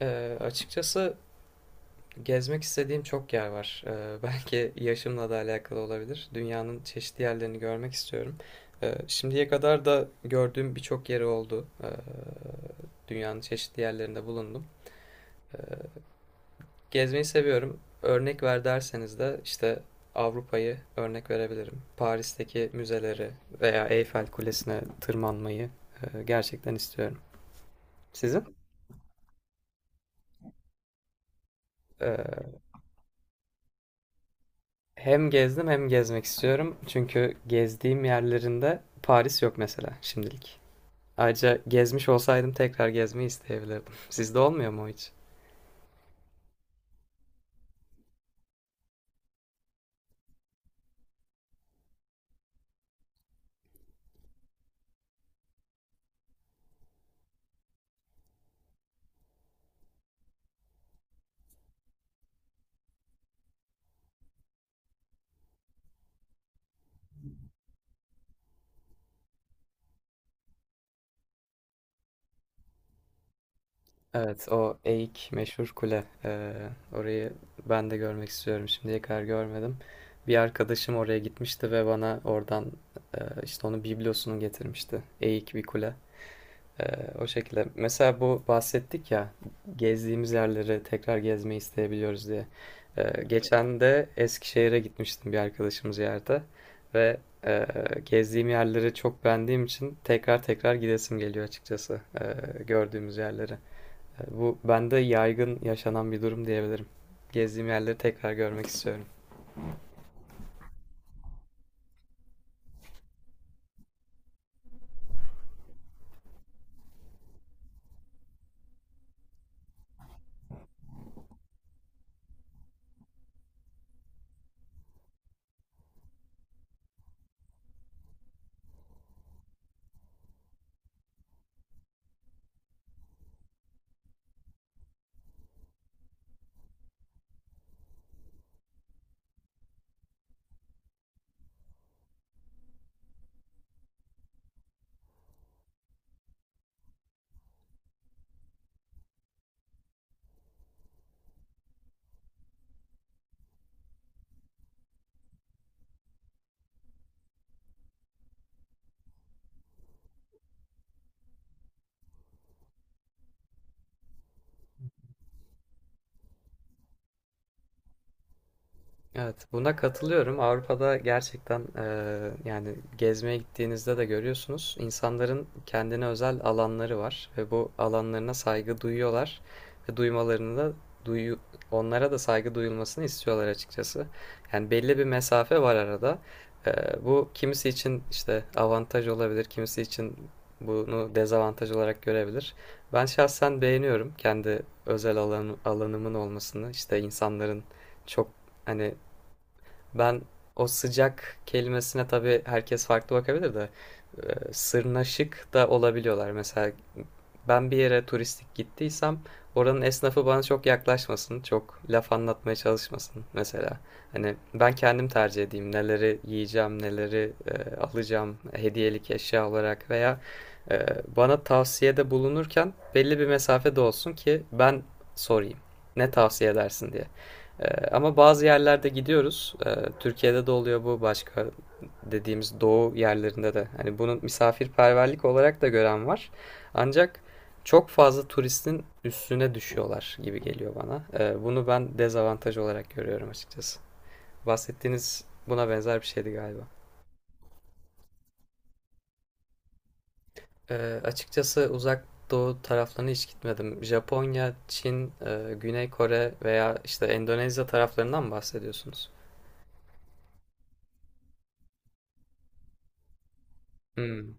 Açıkçası gezmek istediğim çok yer var. Belki yaşımla da alakalı olabilir. Dünyanın çeşitli yerlerini görmek istiyorum. Şimdiye kadar da gördüğüm birçok yeri oldu. Dünyanın çeşitli yerlerinde bulundum. Gezmeyi seviyorum. Örnek ver derseniz de işte Avrupa'yı örnek verebilirim. Paris'teki müzeleri veya Eyfel Kulesi'ne tırmanmayı gerçekten istiyorum. Sizin? Hem gezdim hem gezmek istiyorum. Çünkü gezdiğim yerlerinde Paris yok mesela şimdilik. Ayrıca gezmiş olsaydım tekrar gezmeyi isteyebilirdim. Sizde olmuyor mu o hiç? Evet, o Eik meşhur kule. Orayı ben de görmek istiyorum. Şimdiye kadar görmedim. Bir arkadaşım oraya gitmişti ve bana oradan işte onun biblosunu getirmişti. Eik bir kule. Ee, O şekilde. Mesela bu bahsettik ya, gezdiğimiz yerleri tekrar gezmeyi isteyebiliyoruz diye. Geçen de Eskişehir'e gitmiştim bir arkadaşımız yerde ve e, gezdiğim yerleri çok beğendiğim için tekrar tekrar gidesim geliyor açıkçası, gördüğümüz yerleri. Bu bende yaygın yaşanan bir durum diyebilirim. Gezdiğim yerleri tekrar görmek istiyorum. Evet, buna katılıyorum. Avrupa'da gerçekten yani gezmeye gittiğinizde de görüyorsunuz. İnsanların kendine özel alanları var ve bu alanlarına saygı duyuyorlar ve duymalarını da duyu onlara da saygı duyulmasını istiyorlar açıkçası. Yani belli bir mesafe var arada. Eee, Bu kimisi için işte avantaj olabilir, kimisi için bunu dezavantaj olarak görebilir. Ben şahsen beğeniyorum kendi özel alanımın olmasını, işte insanların çok hani ben o sıcak kelimesine tabii herkes farklı bakabilir de sırnaşık da olabiliyorlar. Mesela ben bir yere turistik gittiysem oranın esnafı bana çok yaklaşmasın, çok laf anlatmaya çalışmasın mesela. Hani ben kendim tercih edeyim neleri yiyeceğim, neleri alacağım hediyelik eşya olarak veya e, bana tavsiyede bulunurken belli bir mesafede olsun ki ben sorayım. Ne tavsiye edersin diye. Ee, Ama bazı yerlerde gidiyoruz. Türkiye'de de oluyor bu, başka dediğimiz doğu yerlerinde de. Hani bunu misafirperverlik olarak da gören var. Ancak çok fazla turistin üstüne düşüyorlar gibi geliyor bana. Bunu ben dezavantaj olarak görüyorum açıkçası. Bahsettiğiniz buna benzer bir şeydi galiba. Açıkçası uzak doğu taraflarına hiç gitmedim. Japonya, Çin, Güney Kore veya işte Endonezya taraflarından mı bahsediyorsunuz? Hmm.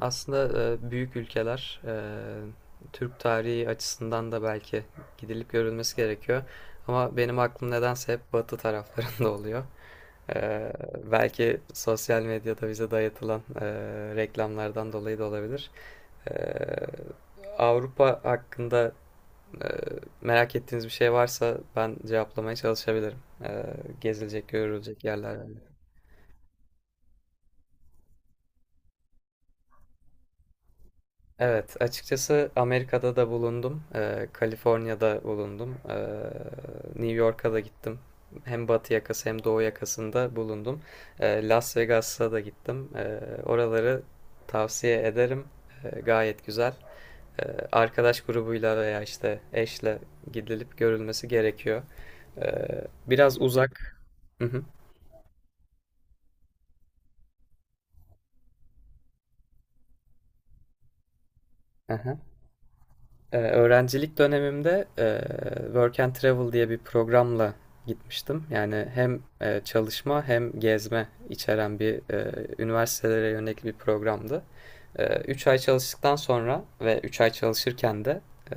Aslında büyük ülkeler Türk tarihi açısından da belki gidilip görülmesi gerekiyor. Ama benim aklım nedense hep batı taraflarında oluyor. E, Belki sosyal medyada bize dayatılan reklamlardan dolayı da olabilir. E, Avrupa hakkında e, merak ettiğiniz bir şey varsa ben cevaplamaya çalışabilirim. E, Gezilecek, görülecek yerler. Evet, açıkçası Amerika'da da bulundum, Kaliforniya'da bulundum, New York'a da gittim. Hem batı yakası hem doğu yakasında bulundum. Las Vegas'a da gittim. Oraları tavsiye ederim. Gayet güzel. Arkadaş grubuyla veya işte eşle gidilip görülmesi gerekiyor. Biraz uzak. Hı hı. Öğrencilik dönemimde Work and Travel diye bir programla gitmiştim. Yani hem çalışma hem gezme içeren bir üniversitelere yönelik bir programdı. 3 ay çalıştıktan sonra ve 3 ay çalışırken de e,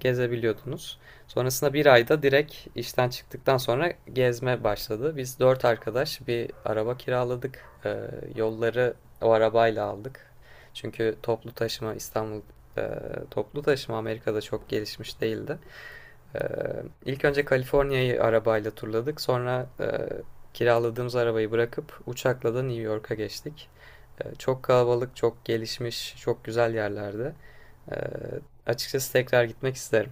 gezebiliyordunuz. Sonrasında bir ayda direkt işten çıktıktan sonra gezme başladı. Biz 4 arkadaş bir araba kiraladık. Yolları o arabayla aldık. Çünkü toplu taşıma e, toplu taşıma Amerika'da çok gelişmiş değildi. E, İlk önce Kaliforniya'yı arabayla turladık. Sonra kiraladığımız arabayı bırakıp uçakla da New York'a geçtik. Çok kalabalık, çok gelişmiş, çok güzel yerlerde. E, Açıkçası tekrar gitmek isterim.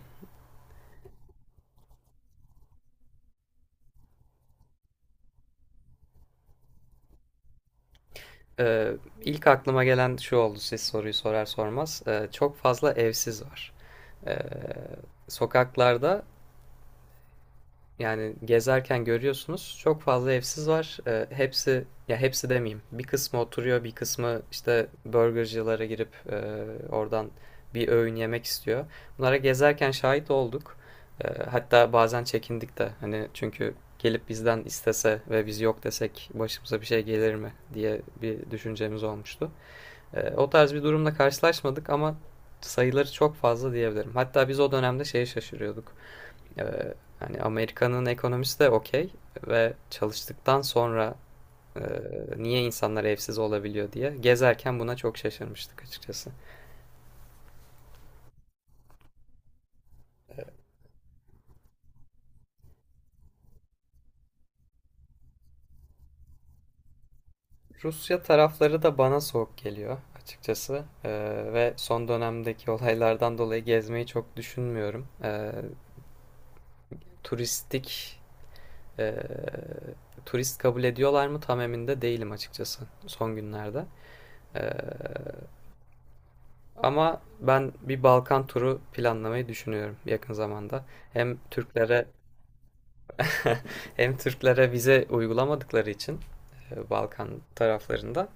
Ee, ilk aklıma gelen şu oldu siz soruyu sorar sormaz. Çok fazla evsiz var. Ee, Sokaklarda yani gezerken görüyorsunuz çok fazla evsiz var. Hepsi, ya hepsi demeyeyim. Bir kısmı oturuyor, bir kısmı işte burgercılara girip oradan bir öğün yemek istiyor. Bunlara gezerken şahit olduk. Hatta bazen çekindik de hani, çünkü gelip bizden istese ve biz yok desek başımıza bir şey gelir mi diye bir düşüncemiz olmuştu. O tarz bir durumla karşılaşmadık ama sayıları çok fazla diyebilirim. Hatta biz o dönemde şeye şaşırıyorduk. Hani Amerika'nın ekonomisi de okey ve çalıştıktan sonra eee, niye insanlar evsiz olabiliyor diye gezerken buna çok şaşırmıştık açıkçası. Rusya tarafları da bana soğuk geliyor açıkçası. Ve son dönemdeki olaylardan dolayı gezmeyi çok düşünmüyorum. Turistik eee, turist kabul ediyorlar mı tam emin de değilim açıkçası son günlerde. Eee, Ama ben bir Balkan turu planlamayı düşünüyorum yakın zamanda. Hem Türklere Hem Türklere vize uygulamadıkları için Balkan taraflarında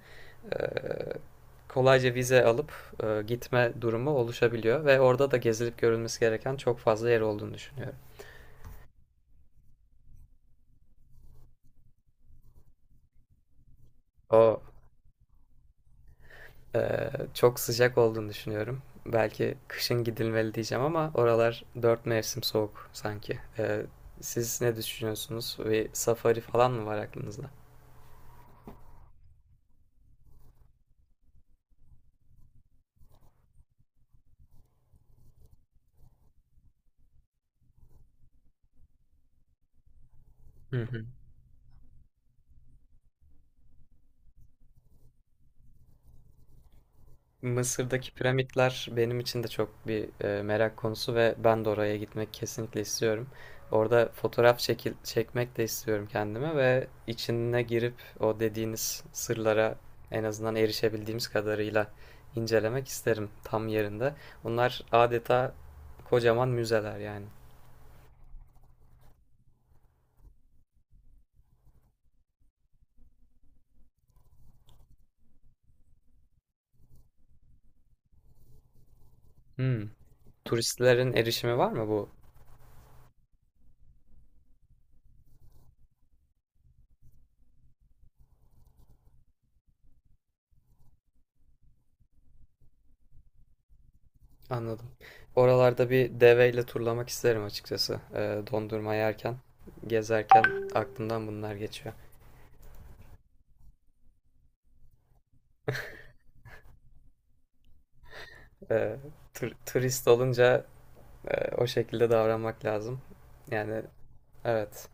kolayca vize alıp gitme durumu oluşabiliyor ve orada da gezilip görülmesi gereken çok fazla yer olduğunu düşünüyorum. O çok sıcak olduğunu düşünüyorum. Belki kışın gidilmeli diyeceğim ama oralar dört mevsim soğuk sanki. Siz ne düşünüyorsunuz? Bir safari falan mı var aklınızda? Mısır'daki piramitler benim için de çok bir merak konusu ve ben de oraya gitmek kesinlikle istiyorum. Orada fotoğraf çekmek de istiyorum kendime ve içine girip o dediğiniz sırlara en azından erişebildiğimiz kadarıyla incelemek isterim tam yerinde. Bunlar adeta kocaman müzeler yani. Hmm. Turistlerin erişimi var mı bu? Anladım. Oralarda bir deveyle turlamak isterim açıkçası. Dondurma yerken, gezerken aklımdan bunlar geçiyor. Ee, Turist olunca o şekilde davranmak lazım. Yani evet.